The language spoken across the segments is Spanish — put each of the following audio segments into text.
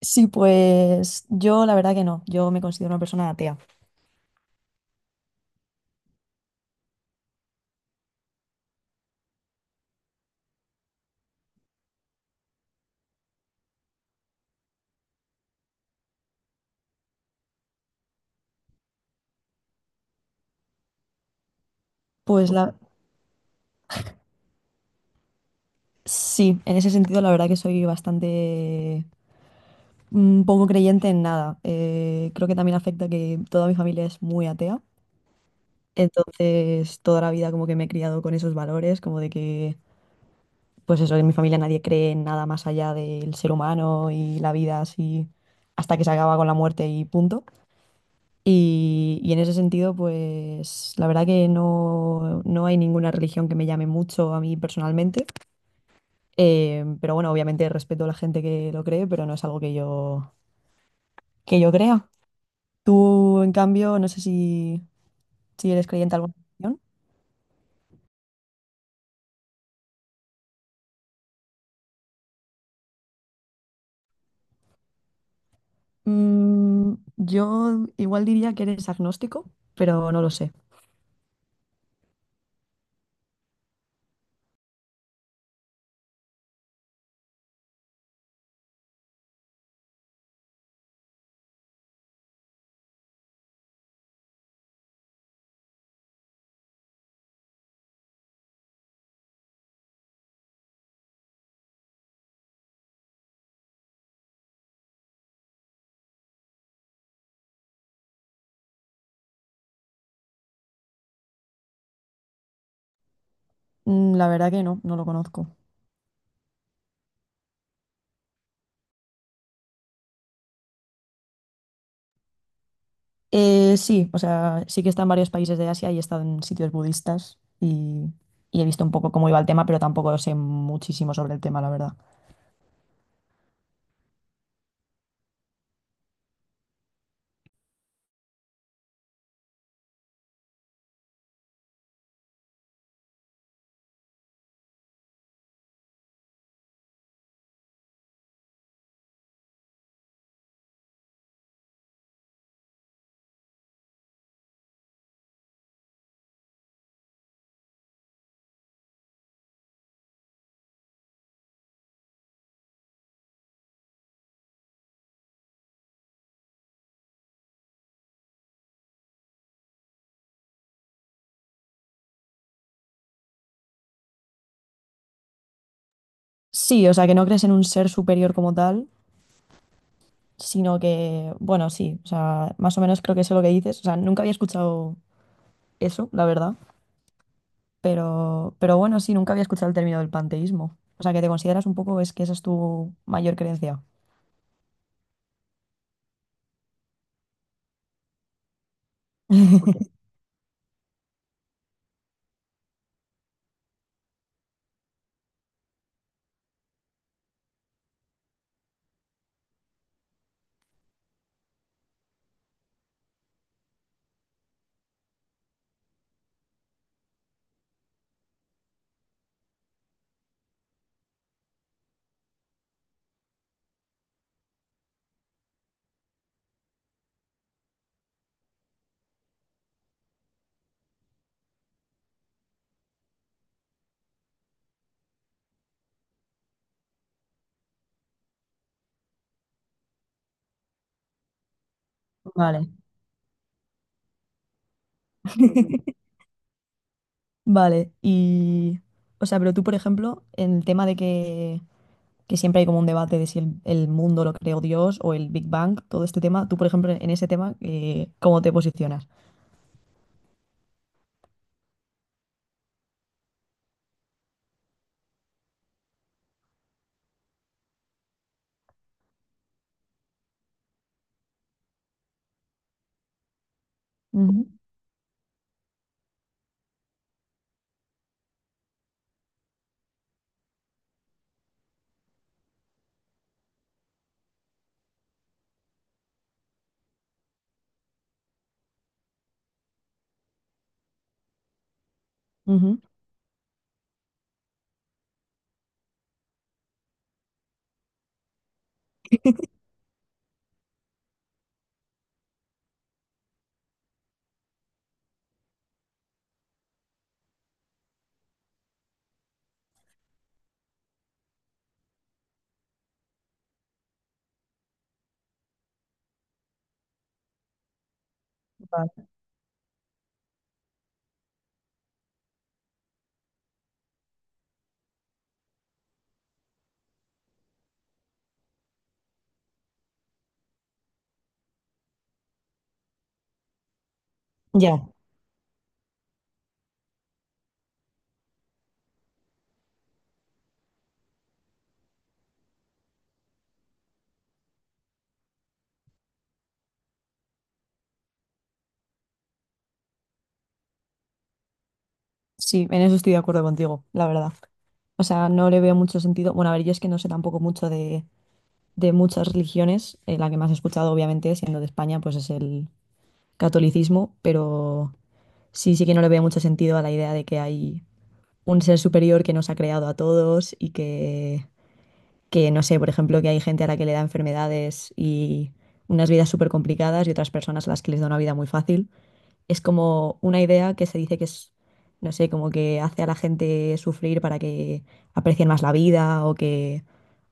Sí, pues yo la verdad que no, yo me considero una persona atea. Pues la sí, en ese sentido la verdad que soy bastante poco creyente en nada. Creo que también afecta que toda mi familia es muy atea. Entonces, toda la vida como que me he criado con esos valores, como de que, pues eso, en mi familia nadie cree en nada más allá del ser humano y la vida así hasta que se acaba con la muerte y punto. Y en ese sentido, pues la verdad que no, no hay ninguna religión que me llame mucho a mí personalmente. Pero bueno, obviamente respeto a la gente que lo cree, pero no es algo que que yo crea. Tú, en cambio, no sé si, si eres creyente en alguna religión. Yo igual diría que eres agnóstico, pero no lo sé. La verdad que no, no lo conozco. Sí, o sea, sí que he estado en varios países de Asia y he estado en sitios budistas y he visto un poco cómo iba el tema, pero tampoco sé muchísimo sobre el tema, la verdad. Sí, o sea, que no crees en un ser superior como tal, sino que, bueno, sí, o sea, más o menos creo que sé lo que dices. O sea, nunca había escuchado eso, la verdad, pero bueno, sí, nunca había escuchado el término del panteísmo. O sea, que te consideras un poco, es que esa es tu mayor creencia. Vale. Vale, y, o sea, pero tú, por ejemplo, en el tema de que siempre hay como un debate de si el mundo lo creó Dios o el Big Bang, todo este tema. Tú, por ejemplo, en ese tema, ¿cómo te posicionas? Ujú. Ujú. Vale. Ya. Sí, en eso estoy de acuerdo contigo, la verdad. O sea, no le veo mucho sentido. Bueno, a ver, yo es que no sé tampoco mucho de muchas religiones. La que más he escuchado, obviamente, siendo de España, pues es el catolicismo, pero sí, sí que no le veo mucho sentido a la idea de que hay un ser superior que nos ha creado a todos y que no sé, por ejemplo, que hay gente a la que le da enfermedades y unas vidas súper complicadas y otras personas a las que les da una vida muy fácil. Es como una idea que se dice que es, no sé, como que hace a la gente sufrir para que aprecien más la vida o que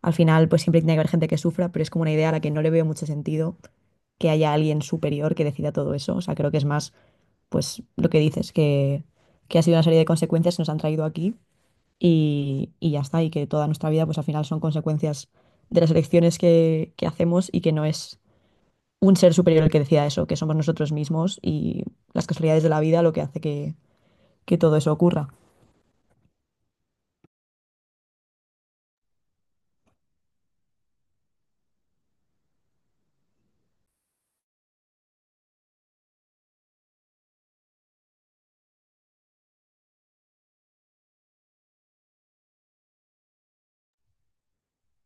al final pues siempre tiene que haber gente que sufra, pero es como una idea a la que no le veo mucho sentido que haya alguien superior que decida todo eso. O sea, creo que es más pues lo que dices, que ha sido una serie de consecuencias que nos han traído aquí y ya está, y que toda nuestra vida pues al final son consecuencias de las elecciones que hacemos y que no es un ser superior el que decida eso, que somos nosotros mismos y las casualidades de la vida lo que hace que todo eso ocurra.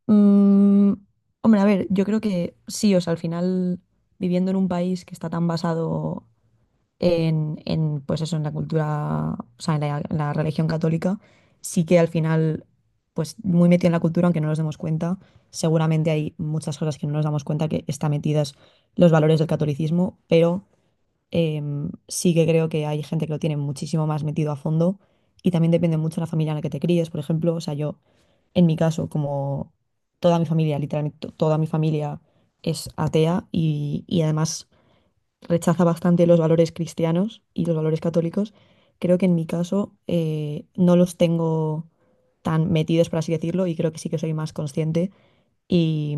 Mm, hombre, a ver, yo creo que sí, o sea, al final viviendo en un país que está tan basado pues eso, en la cultura, o sea, en la religión católica, sí que al final, pues muy metido en la cultura, aunque no nos demos cuenta, seguramente hay muchas cosas que no nos damos cuenta que están metidas los valores del catolicismo, pero sí que creo que hay gente que lo tiene muchísimo más metido a fondo y también depende mucho de la familia en la que te críes, por ejemplo, o sea, yo, en mi caso, como toda mi familia, literalmente toda mi familia es atea y además rechaza bastante los valores cristianos y los valores católicos. Creo que en mi caso no los tengo tan metidos, por así decirlo, y creo que sí que soy más consciente y,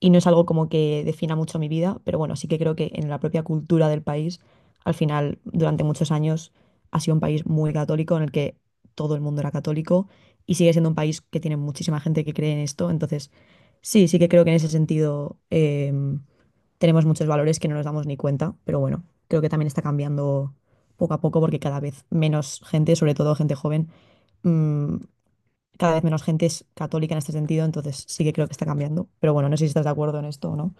y no es algo como que defina mucho mi vida, pero bueno, sí que creo que en la propia cultura del país, al final, durante muchos años, ha sido un país muy católico en el que todo el mundo era católico y sigue siendo un país que tiene muchísima gente que cree en esto, entonces sí, sí que creo que en ese sentido tenemos muchos valores que no nos damos ni cuenta, pero bueno, creo que también está cambiando poco a poco porque cada vez menos gente, sobre todo gente joven, mm, cada vez menos gente es católica en este sentido, entonces sí que creo que está cambiando. Pero bueno, no sé si estás de acuerdo en esto o no.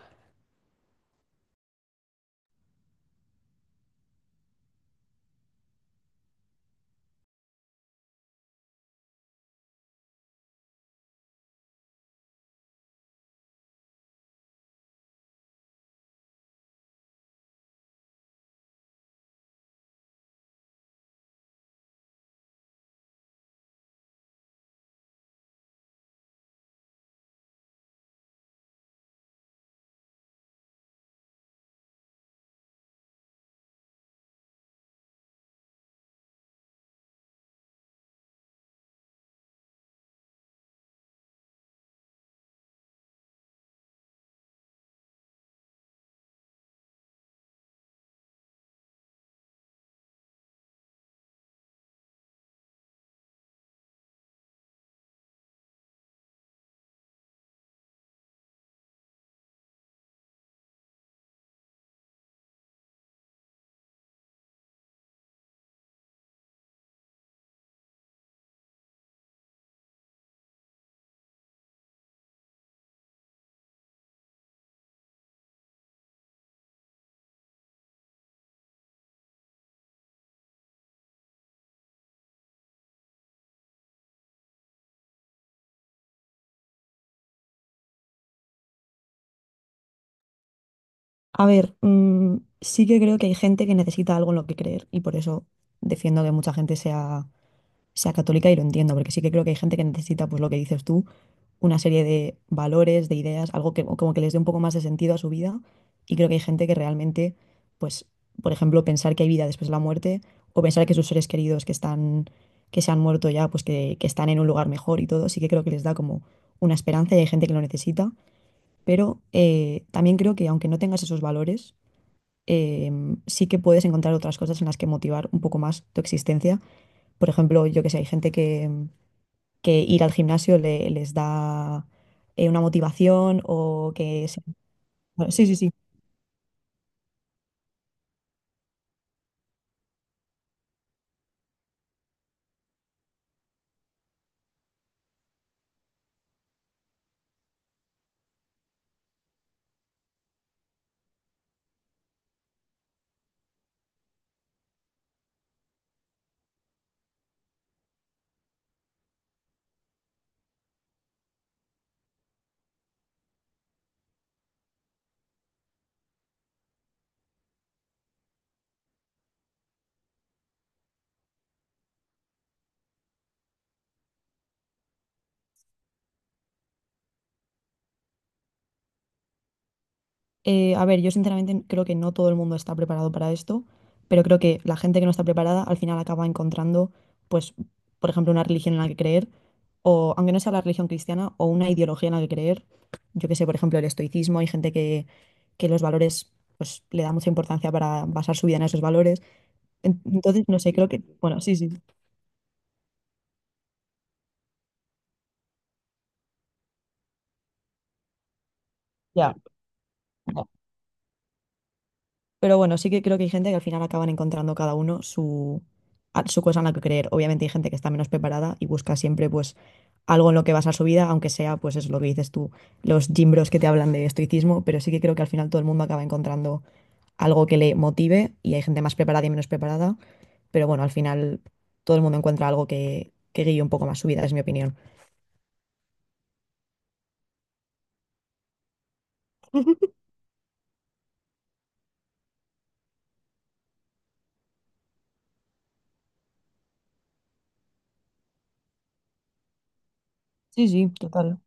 A ver, sí que creo que hay gente que necesita algo en lo que creer y por eso defiendo que mucha gente sea católica y lo entiendo, porque sí que creo que hay gente que necesita pues lo que dices tú una serie de valores, de ideas, algo que como que les dé un poco más de sentido a su vida. Y creo que hay gente que realmente, pues, por ejemplo, pensar que hay vida después de la muerte o pensar que sus seres queridos que se han muerto ya, pues que están en un lugar mejor y todo, sí que creo que les da como una esperanza y hay gente que lo necesita. Pero también creo que aunque no tengas esos valores, sí que puedes encontrar otras cosas en las que motivar un poco más tu existencia. Por ejemplo, yo que sé, hay gente que ir al gimnasio les da una motivación o que... se- Bueno, sí, sí, sí. A ver, yo sinceramente creo que no todo el mundo está preparado para esto, pero creo que la gente que no está preparada al final acaba encontrando, pues, por ejemplo, una religión en la que creer, o aunque no sea la religión cristiana, o una ideología en la que creer. Yo que sé, por ejemplo, el estoicismo, hay gente que los valores, pues, le da mucha importancia para basar su vida en esos valores. Entonces, no sé, creo que, bueno, sí, sí, ya. Pero bueno, sí que creo que hay gente que al final acaban encontrando cada uno su cosa en la que creer. Obviamente hay gente que está menos preparada y busca siempre pues algo en lo que basar su vida, aunque sea pues es lo que dices tú, los gym bros que te hablan de estoicismo, pero sí que creo que al final todo el mundo acaba encontrando algo que le motive y hay gente más preparada y menos preparada, pero bueno, al final todo el mundo encuentra algo que guíe un poco más su vida, es mi opinión. Sí, sí, total.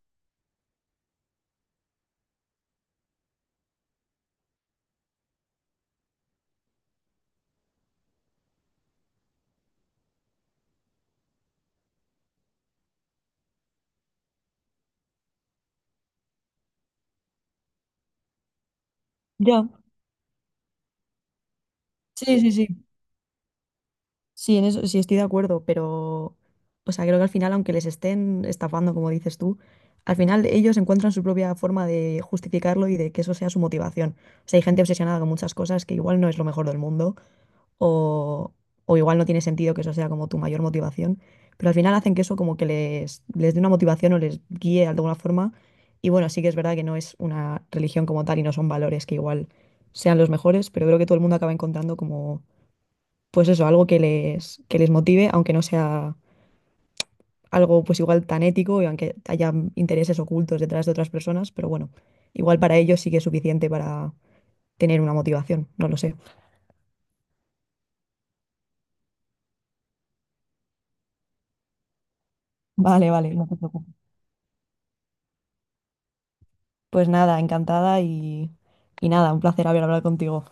Ya. Sí, sí, sí. Sí, en eso sí estoy de acuerdo, pero, o sea, creo que al final, aunque les estén estafando, como dices tú, al final ellos encuentran su propia forma de justificarlo y de que eso sea su motivación. O sea, hay gente obsesionada con muchas cosas que igual no es lo mejor del mundo o, o igual no tiene sentido que eso sea como tu mayor motivación, pero al final hacen que eso como que les dé una motivación o les guíe de alguna forma. Y bueno, sí que es verdad que no es una religión como tal y no son valores que igual sean los mejores, pero creo que todo el mundo acaba encontrando como pues eso, algo que que les motive, aunque no sea algo pues igual tan ético y aunque haya intereses ocultos detrás de otras personas, pero bueno, igual para ellos sí que es suficiente para tener una motivación, no lo sé. Vale, vale, no te preocupes. Pues nada, encantada y nada, un placer haber hablado contigo.